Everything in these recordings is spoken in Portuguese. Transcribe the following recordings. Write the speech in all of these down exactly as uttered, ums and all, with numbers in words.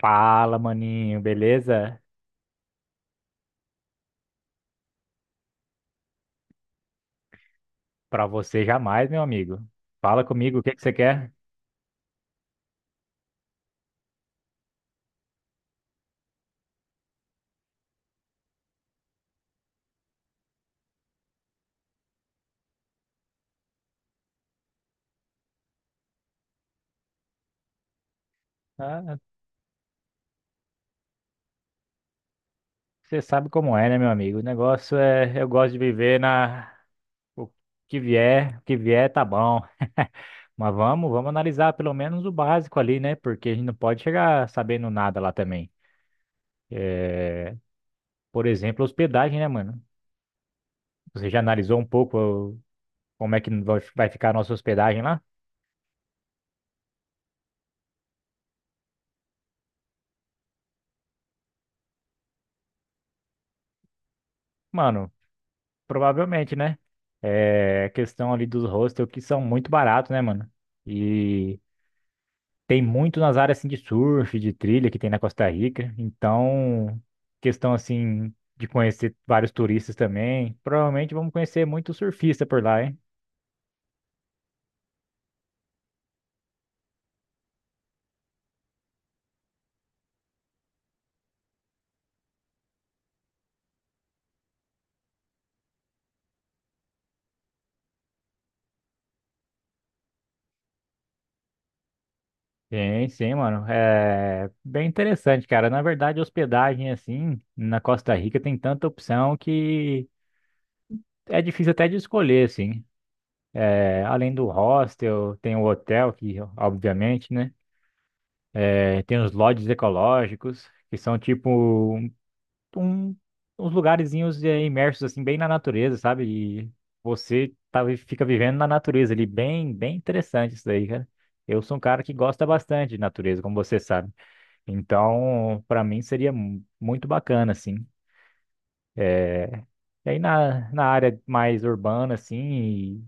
Fala, maninho, beleza? Pra você jamais, meu amigo. Fala comigo, o que que você quer? Ah, você sabe como é, né, meu amigo? O negócio é, eu gosto de viver na o que vier, o que vier tá bom. Mas vamos, vamos analisar pelo menos o básico ali, né? Porque a gente não pode chegar sabendo nada lá também. É, por exemplo, hospedagem, né, mano? Você já analisou um pouco como é que vai vai ficar a nossa hospedagem lá? Mano, provavelmente, né? É a questão ali dos hostels que são muito baratos, né, mano? E tem muito nas áreas assim de surf, de trilha que tem na Costa Rica. Então, questão assim de conhecer vários turistas também. Provavelmente vamos conhecer muito surfista por lá, hein? Sim, sim, mano. É bem interessante, cara. Na verdade, hospedagem assim na Costa Rica tem tanta opção que é difícil até de escolher, assim. É, além do hostel, tem o hotel que, obviamente, né? É, tem os lodges ecológicos, que são tipo um, um- uns lugarzinhos é, imersos assim bem na natureza, sabe? E você tá, vi- fica vivendo na natureza ali, bem, bem interessante isso daí, cara. Eu sou um cara que gosta bastante de natureza, como você sabe. Então, para mim seria mu- muito bacana, assim. E aí na, na área mais urbana, assim,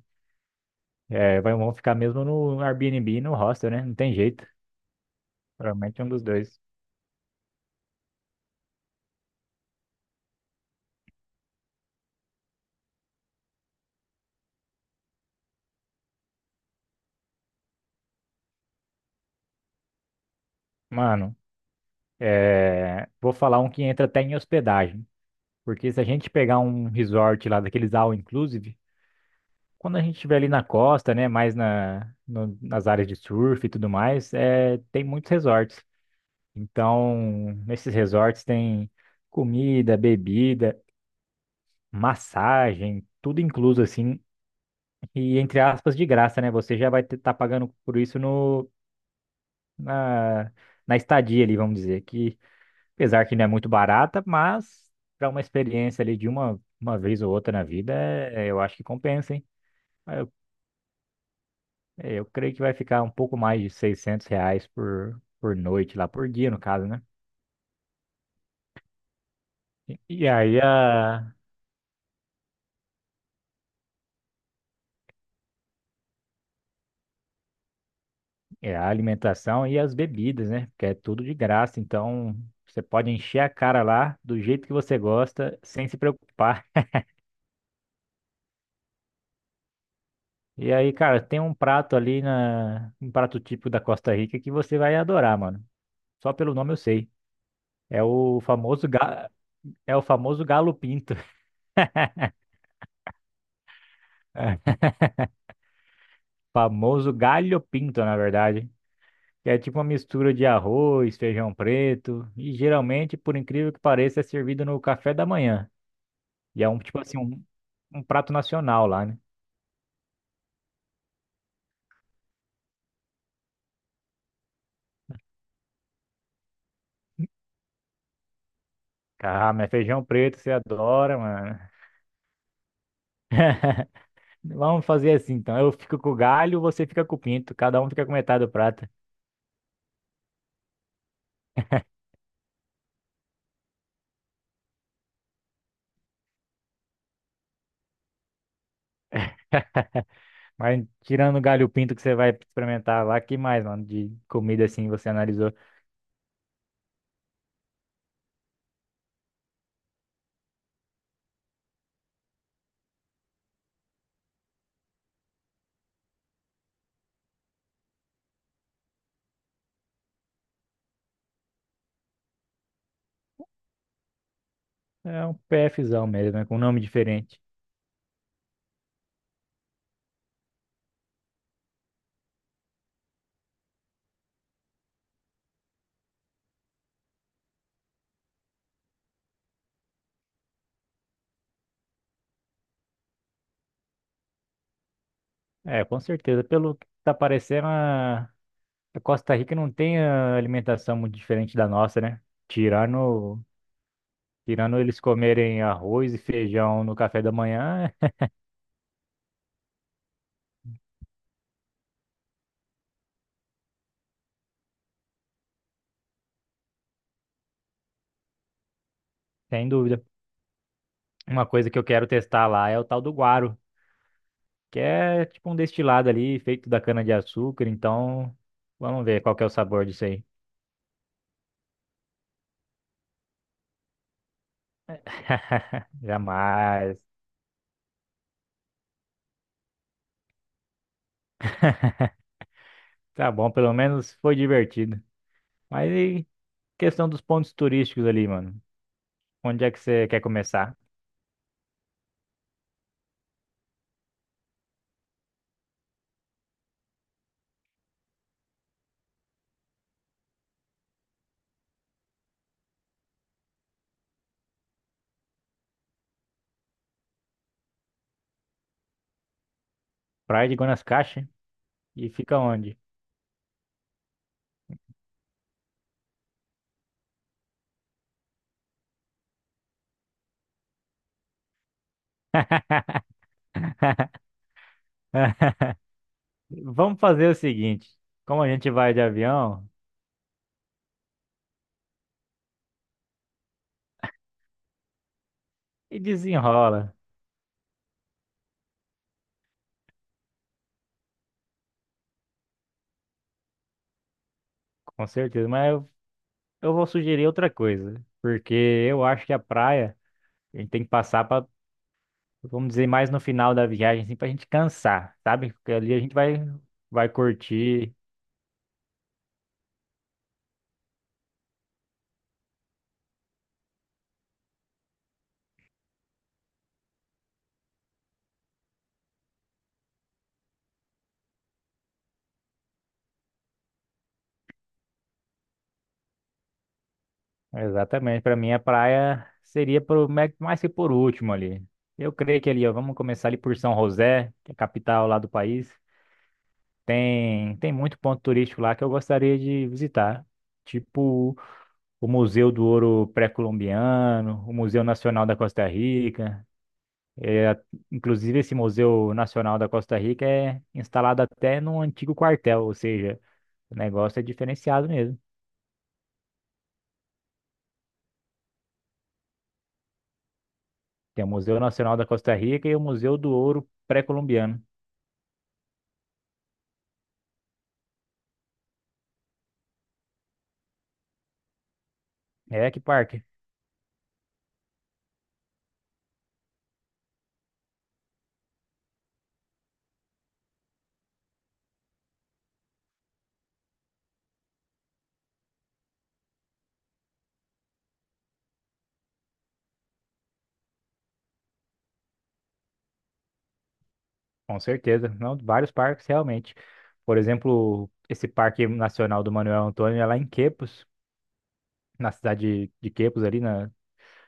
é, vai, vão ficar mesmo no Airbnb, e no hostel, né? Não tem jeito. Provavelmente é um dos dois. Mano, é, vou falar um que entra até em hospedagem. Porque se a gente pegar um resort lá daqueles all inclusive, quando a gente estiver ali na costa, né, mais na, no- nas áreas de surf e tudo mais, é, tem muitos resorts. Então, nesses resorts tem comida, bebida, massagem, tudo incluso assim, e entre aspas de graça, né? Você já vai estar pagando por isso no na, na estadia ali, vamos dizer, que apesar que não é muito barata, mas para uma experiência ali de uma uma vez ou outra na vida, é- eu acho que compensa, hein? Mas eu, é, eu creio que vai ficar um pouco mais de seiscentos reais por, por noite lá, por dia, no caso, né? E, e aí a, é, a alimentação e as bebidas, né? Porque é tudo de graça, então você pode encher a cara lá do jeito que você gosta, sem se preocupar. E aí, cara, tem um prato ali na, um prato típico da Costa Rica que você vai adorar, mano. Só pelo nome eu sei. É o famoso ga, é o famoso galo pinto. É, famoso galho pinto, na verdade. Que é tipo uma mistura de arroz, feijão preto, e geralmente, por incrível que pareça, é servido no café da manhã. E é um tipo assim, um, um prato nacional lá, né? Ah, mas feijão preto você adora, mano. Vamos fazer assim, então. Eu fico com o galho, você fica com o pinto. Cada um fica com metade do prato. Mas tirando o galho e o pinto que você vai experimentar lá, que mais, mano, de comida assim você analisou? É um PFzão mesmo, é com um nome diferente. É, com certeza. Pelo que tá parecendo, a A Costa Rica não tem ah, alimentação muito diferente da nossa, né? Tirando, tirando eles comerem arroz e feijão no café da manhã, sem dúvida. Uma coisa que eu quero testar lá é o tal do guaro, que é tipo um destilado ali feito da cana-de-açúcar. Então, vamos ver qual que é o sabor disso aí. Jamais. Tá bom, pelo menos foi divertido. Mas e questão dos pontos turísticos ali, mano? Onde é que você quer começar? Praia de Guanacaste? E fica onde? Vamos fazer o seguinte: como a gente vai de avião e desenrola, com certeza, mas eu, eu vou sugerir outra coisa, porque eu acho que a praia a gente tem que passar para, vamos dizer, mais no final da viagem, assim, para a gente cansar, sabe? Porque ali a gente vai, vai curtir. Exatamente, para mim a praia seria por, mais mais que por último ali. Eu creio que ali, ó, vamos começar ali por São José, que é a capital lá do país. Tem, tem muito ponto turístico lá que eu gostaria de visitar, tipo o Museu do Ouro Pré-Colombiano, o Museu Nacional da Costa Rica. É, inclusive, esse Museu Nacional da Costa Rica é instalado até num antigo quartel, ou seja, o negócio é diferenciado mesmo. Tem o Museu Nacional da Costa Rica e o Museu do Ouro Pré-Colombiano. É, que parque, com certeza. Não, vários parques, realmente. Por exemplo, esse Parque Nacional do Manuel Antônio é lá em Quepos. Na cidade de, de Quepos, ali na,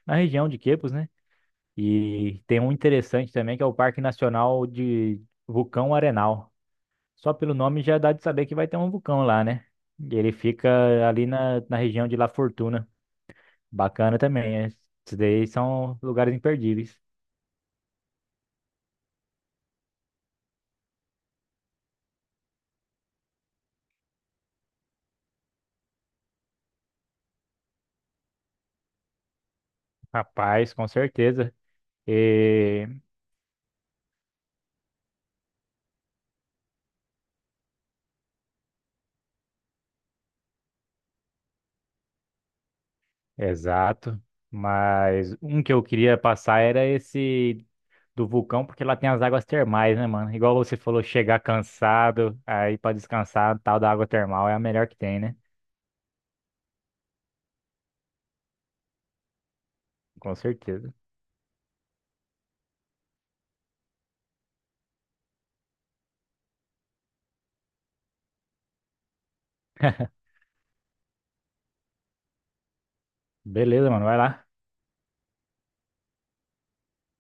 na região de Quepos, né? E tem um interessante também, que é o Parque Nacional de Vulcão Arenal. Só pelo nome já dá de saber que vai ter um vulcão lá, né? E ele fica ali na, na região de La Fortuna. Bacana também, é. Esses daí são lugares imperdíveis. Rapaz, com certeza. E- exato. Mas um que eu queria passar era esse do vulcão, porque lá tem as águas termais, né, mano? Igual você falou, chegar cansado, aí pra descansar, tal da água termal é a melhor que tem, né? Com certeza. Beleza, mano, vai lá.